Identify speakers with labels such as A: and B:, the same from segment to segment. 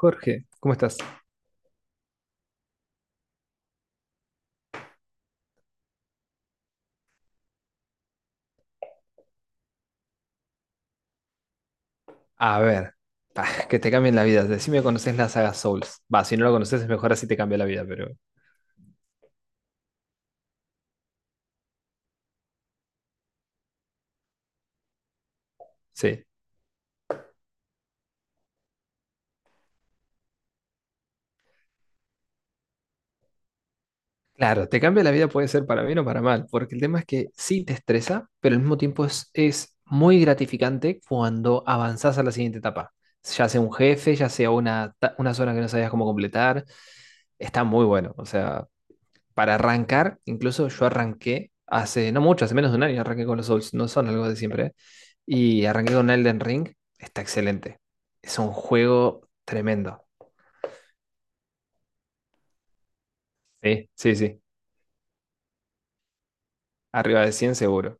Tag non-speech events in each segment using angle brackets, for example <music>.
A: Jorge, ¿cómo estás? A ver, pa, que te cambien la vida. Decime, ¿conoces la saga Souls? Va, si no la conoces es mejor así te cambia la vida, pero sí. Claro, te cambia la vida puede ser para bien o para mal, porque el tema es que sí te estresa, pero al mismo tiempo es muy gratificante cuando avanzás a la siguiente etapa. Ya sea un jefe, ya sea una, una zona que no sabías cómo completar. Está muy bueno, o sea, para arrancar, incluso yo arranqué hace, no mucho, hace menos de un año arranqué con los Souls, no son algo de siempre, ¿eh? Y arranqué con Elden Ring, está excelente. Es un juego tremendo. Sí, sí, sí. Arriba de 100 seguro.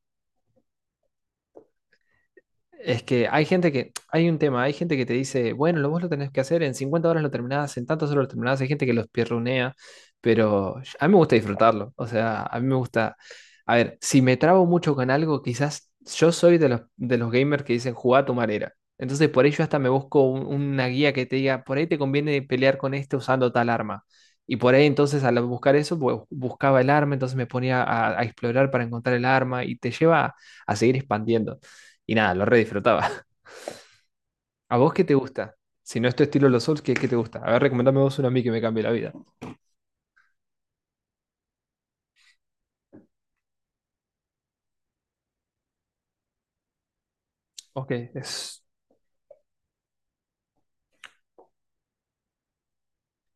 A: Es que hay gente que, hay un tema, hay gente que te dice, bueno, lo vos lo tenés que hacer, en 50 horas lo terminás, en tantas horas lo terminás, hay gente que los pierronea, pero a mí me gusta disfrutarlo, o sea, a mí me gusta, a ver, si me trabo mucho con algo, quizás yo soy de los gamers que dicen, jugá a tu manera, entonces por ello hasta me busco una guía que te diga, por ahí te conviene pelear con este usando tal arma, y por ahí entonces al buscar eso, buscaba el arma, entonces me ponía a explorar para encontrar el arma, y te lleva a seguir expandiendo. Y nada, lo re disfrutaba. <laughs> ¿A vos qué te gusta? Si no es tu estilo los Souls, ¿qué, qué te gusta? A ver, recomendame vos uno a mí que me cambie la vida. Ok, es...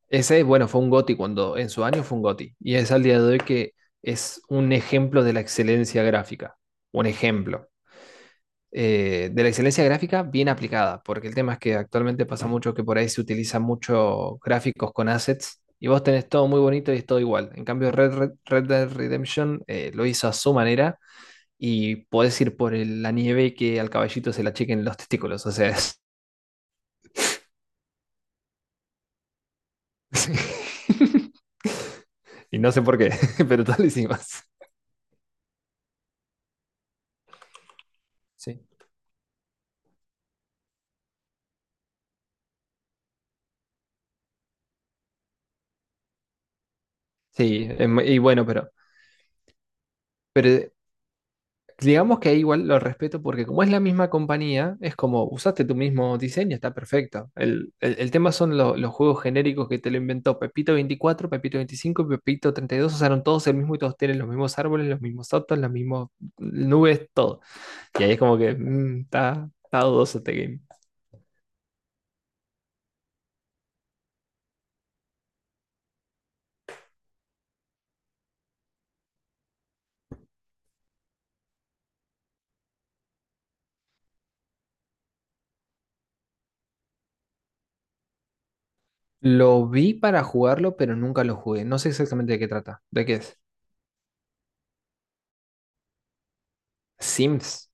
A: Ese, bueno, fue un GOTY cuando en su año fue un GOTY. Y es al día de hoy que es un ejemplo de la excelencia gráfica. Un ejemplo de la excelencia gráfica bien aplicada, porque el tema es que actualmente pasa mucho que por ahí se utilizan muchos gráficos con assets y vos tenés todo muy bonito y es todo igual. En cambio, Red Dead Redemption lo hizo a su manera y podés ir por la nieve y que al caballito se la chequen los testículos, o sea, es- <laughs> y no sé por qué, <laughs> pero tal hicimos. Sí, sí, y bueno, pero digamos que ahí igual lo respeto porque como es la misma compañía, es como usaste tu mismo diseño, está perfecto. El, el tema son los juegos genéricos que te lo inventó Pepito 24 Pepito 25 y Pepito 32 usaron todos el mismo y todos tienen los mismos árboles, los mismos autos, las mismas nubes, todo. Y ahí es como que está, está dudoso este game. Lo vi para jugarlo, pero nunca lo jugué. No sé exactamente de qué trata. ¿De qué es? Sims.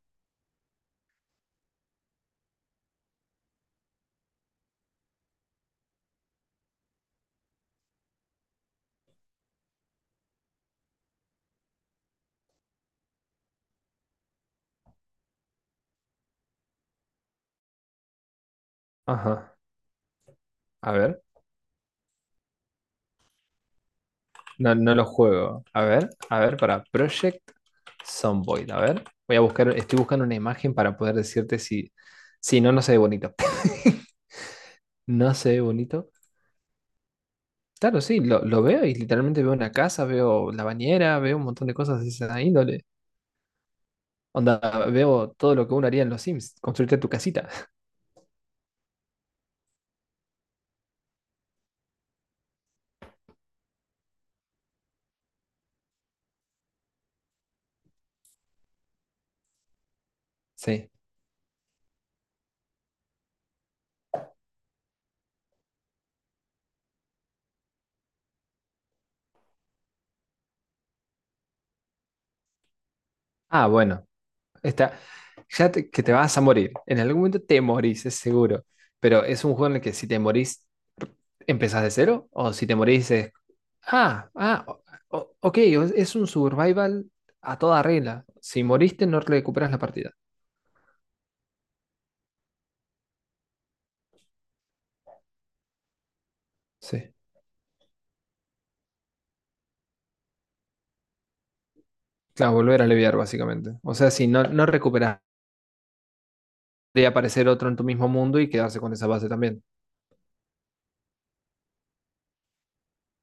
A: Ajá. A ver. No, no lo juego. A ver, para Project Zomboid. A ver. Voy a buscar, estoy buscando una imagen para poder decirte si, si no, no se ve bonito. <laughs> No se ve bonito. Claro, sí, lo veo y literalmente veo una casa, veo la bañera, veo un montón de cosas de esa índole. Onda, veo todo lo que uno haría en los Sims, construirte tu casita. <laughs> Sí. Ah, bueno, está, que te vas a morir. En algún momento te morís, es seguro. Pero es un juego en el que si te morís, empezás de cero. O si te morís, es. Ah, ah, ok, es un survival a toda regla. Si moriste, no recuperas la partida. Sí. Claro, volver a leviar, básicamente. O sea, si no, no recuperas, podría aparecer otro en tu mismo mundo y quedarse con esa base también.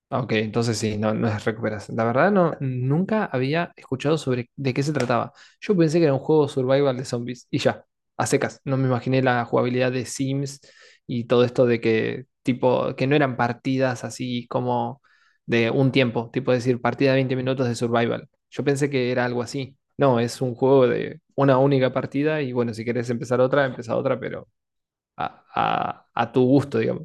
A: Ah, ok, entonces sí, no, no es recuperación. La verdad no, nunca había escuchado sobre de qué se trataba. Yo pensé que era un juego survival de zombies y ya, a secas. No me imaginé la jugabilidad de Sims y todo esto de que tipo que no eran partidas así como de un tiempo, tipo decir partida de 20 minutos de survival. Yo pensé que era algo así. No, es un juego de una única partida y bueno, si querés empezar otra, empezá otra, pero a, a tu gusto, digamos.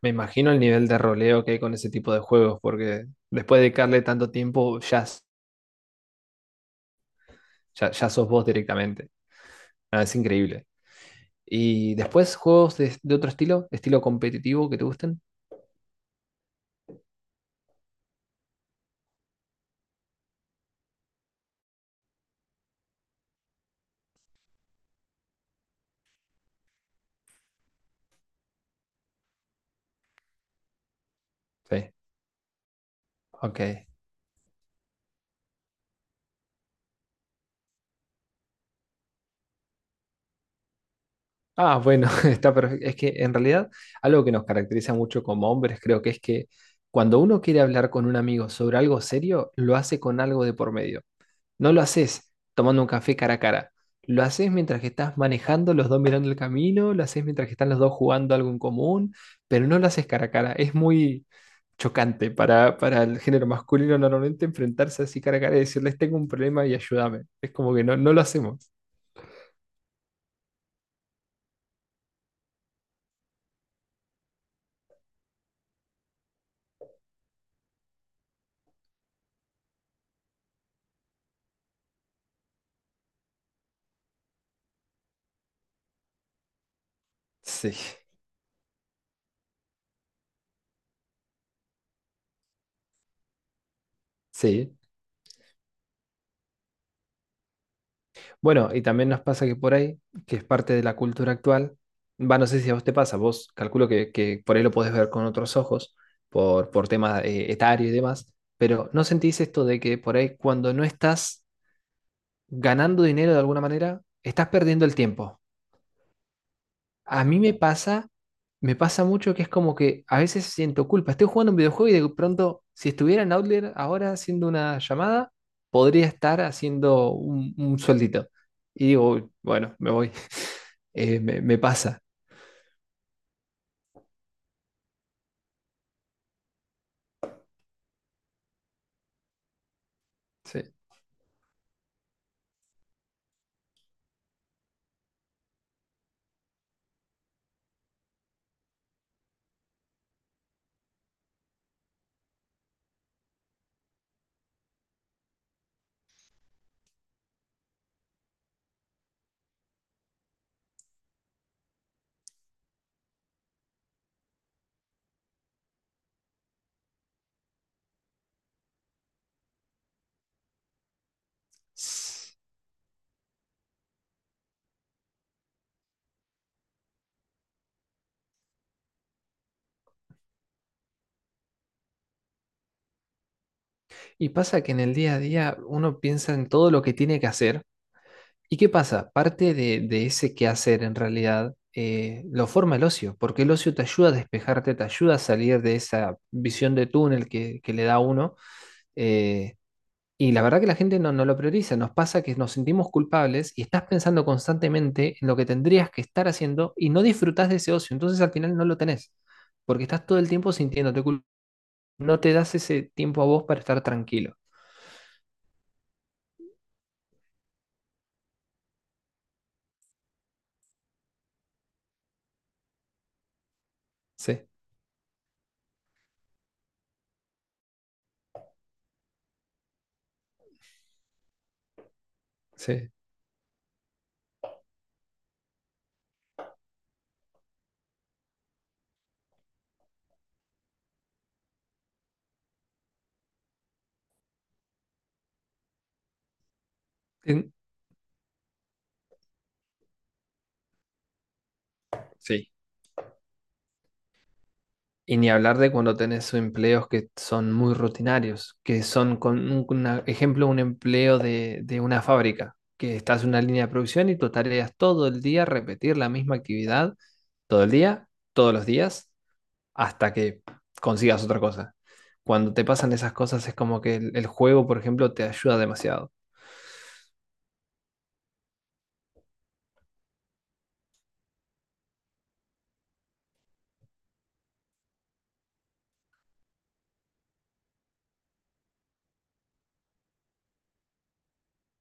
A: Me imagino el nivel de roleo que hay con ese tipo de juegos, porque después de dedicarle tanto tiempo, ya, s- ya, ya sos vos directamente. Ah, es increíble. ¿Y después juegos de otro estilo? ¿Estilo competitivo que te gusten? Sí, ok. Ah, bueno, <laughs> está perfecto. Es que en realidad algo que nos caracteriza mucho como hombres creo que es que cuando uno quiere hablar con un amigo sobre algo serio, lo hace con algo de por medio. No lo haces tomando un café cara a cara. Lo haces mientras que estás manejando, los dos mirando el camino, lo haces mientras que están los dos jugando algo en común, pero no lo haces cara a cara. Es muy chocante para el género masculino normalmente enfrentarse así cara a cara y decirles tengo un problema y ayúdame. Es como que no, no lo hacemos. Sí, sí. Bueno, y también nos pasa que por ahí, que es parte de la cultura actual, va, no sé si a vos te pasa, vos calculo que por ahí lo podés ver con otros ojos, por tema etario y demás, pero ¿no sentís esto de que por ahí cuando no estás ganando dinero de alguna manera, estás perdiendo el tiempo? A mí me pasa mucho que es como que a veces siento culpa, estoy jugando un videojuego y de pronto, si estuviera en Outlier ahora haciendo una llamada, podría estar haciendo un sueldito. Y digo, "Uy, bueno, me voy me, me pasa. Sí. Y pasa que en el día a día uno piensa en todo lo que tiene que hacer. ¿Y qué pasa? Parte de ese quehacer en realidad lo forma el ocio, porque el ocio te ayuda a despejarte, te ayuda a salir de esa visión de túnel que le da a uno. eh, y la verdad que la gente no, no lo prioriza, nos pasa que nos sentimos culpables y estás pensando constantemente en lo que tendrías que estar haciendo y no disfrutás de ese ocio, entonces al final no lo tenés, porque estás todo el tiempo sintiéndote culpable. No te das ese tiempo a vos para estar tranquilo. Sí, sí. En- sí, y ni hablar de cuando tenés empleos que son muy rutinarios, que son, con ejemplo, un empleo de una fábrica, que estás en una línea de producción y tu tarea es todo el día repetir la misma actividad, todo el día, todos los días, hasta que consigas otra cosa. Cuando te pasan esas cosas es como que el juego, por ejemplo, te ayuda demasiado.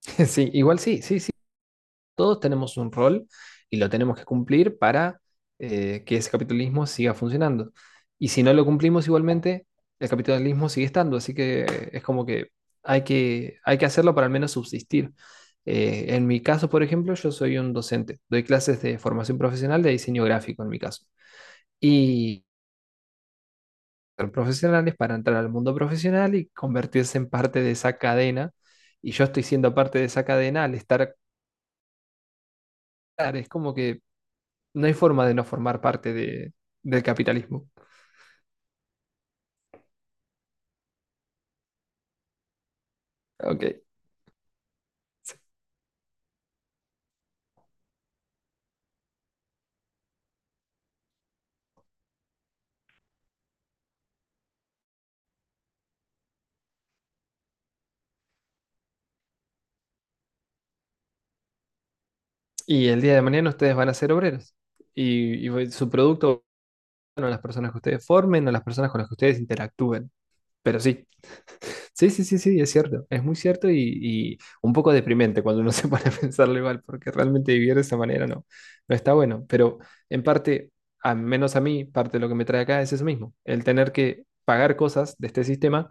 A: <laughs> Sí, igual sí, sí, sí. Todos tenemos un rol y lo tenemos que cumplir para que ese capitalismo siga funcionando. Y si no lo cumplimos igualmente, el capitalismo sigue estando, así que es como que hay que, hay que hacerlo para al menos subsistir. En mi caso, por ejemplo, yo soy un docente, doy clases de formación profesional de diseño gráfico en mi caso. Y ser profesionales para entrar al mundo profesional y convertirse en parte de esa cadena. Y yo estoy siendo parte de esa cadena al estar, es como que no hay forma de no formar parte de, del capitalismo. Ok. Y el día de mañana ustedes van a ser obreros. Y su producto van a las personas que ustedes formen, a las personas con las que ustedes interactúen. Pero sí, sí, sí, sí, sí, es cierto. Es muy cierto y un poco deprimente cuando uno <laughs> se pone a pensarlo igual, porque realmente vivir de esa manera no, no está bueno. Pero en parte, al menos a mí, parte de lo que me trae acá es eso mismo, el tener que pagar cosas de este sistema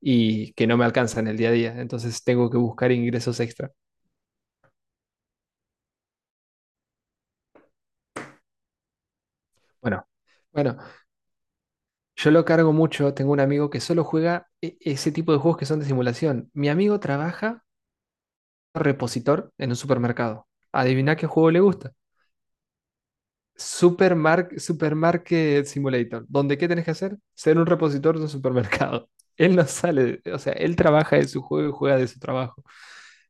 A: y que no me alcanza en el día a día. Entonces tengo que buscar ingresos extra. Bueno, bueno, yo lo cargo mucho. Tengo un amigo que solo juega ese tipo de juegos que son de simulación. Mi amigo trabaja repositor en un supermercado. Adivina qué juego le gusta. Supermarket Simulator. Donde qué tenés que hacer? Ser un repositor de un supermercado. <laughs> Él no sale, o sea, él trabaja de su juego y juega de su trabajo.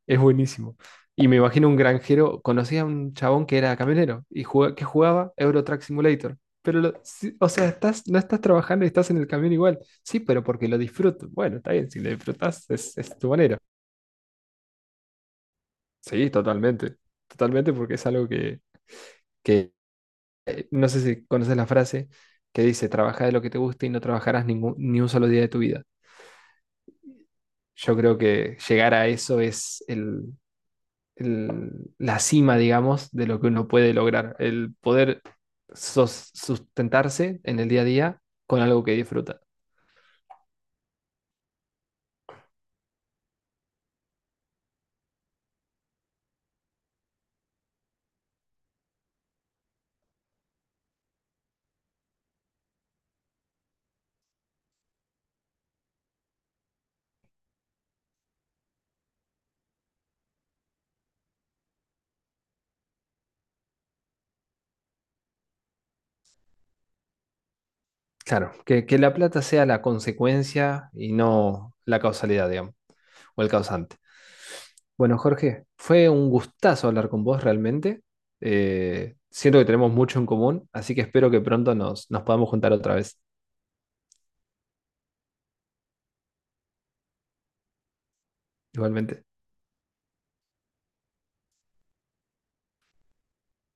A: Es buenísimo. Y me imagino un granjero, conocí a un chabón que era camionero y jugaba, que jugaba Euro Truck Simulator. Pero, lo- sí, o sea, estás, no estás trabajando y estás en el camión igual. Sí, pero porque lo disfruto. Bueno, está bien, si lo disfrutas es tu manera. Sí, totalmente. Totalmente porque es algo que no sé si conoces la frase que dice, trabaja de lo que te guste y no trabajarás ningún, ni un solo día de tu vida. Yo creo que llegar a eso es el- la cima, digamos, de lo que uno puede lograr, el poder sustentarse en el día a día con algo que disfruta. Claro, que la plata sea la consecuencia y no la causalidad, digamos, o el causante. Bueno, Jorge, fue un gustazo hablar con vos realmente. Siento que tenemos mucho en común, así que espero que pronto nos, nos podamos juntar otra vez, igualmente.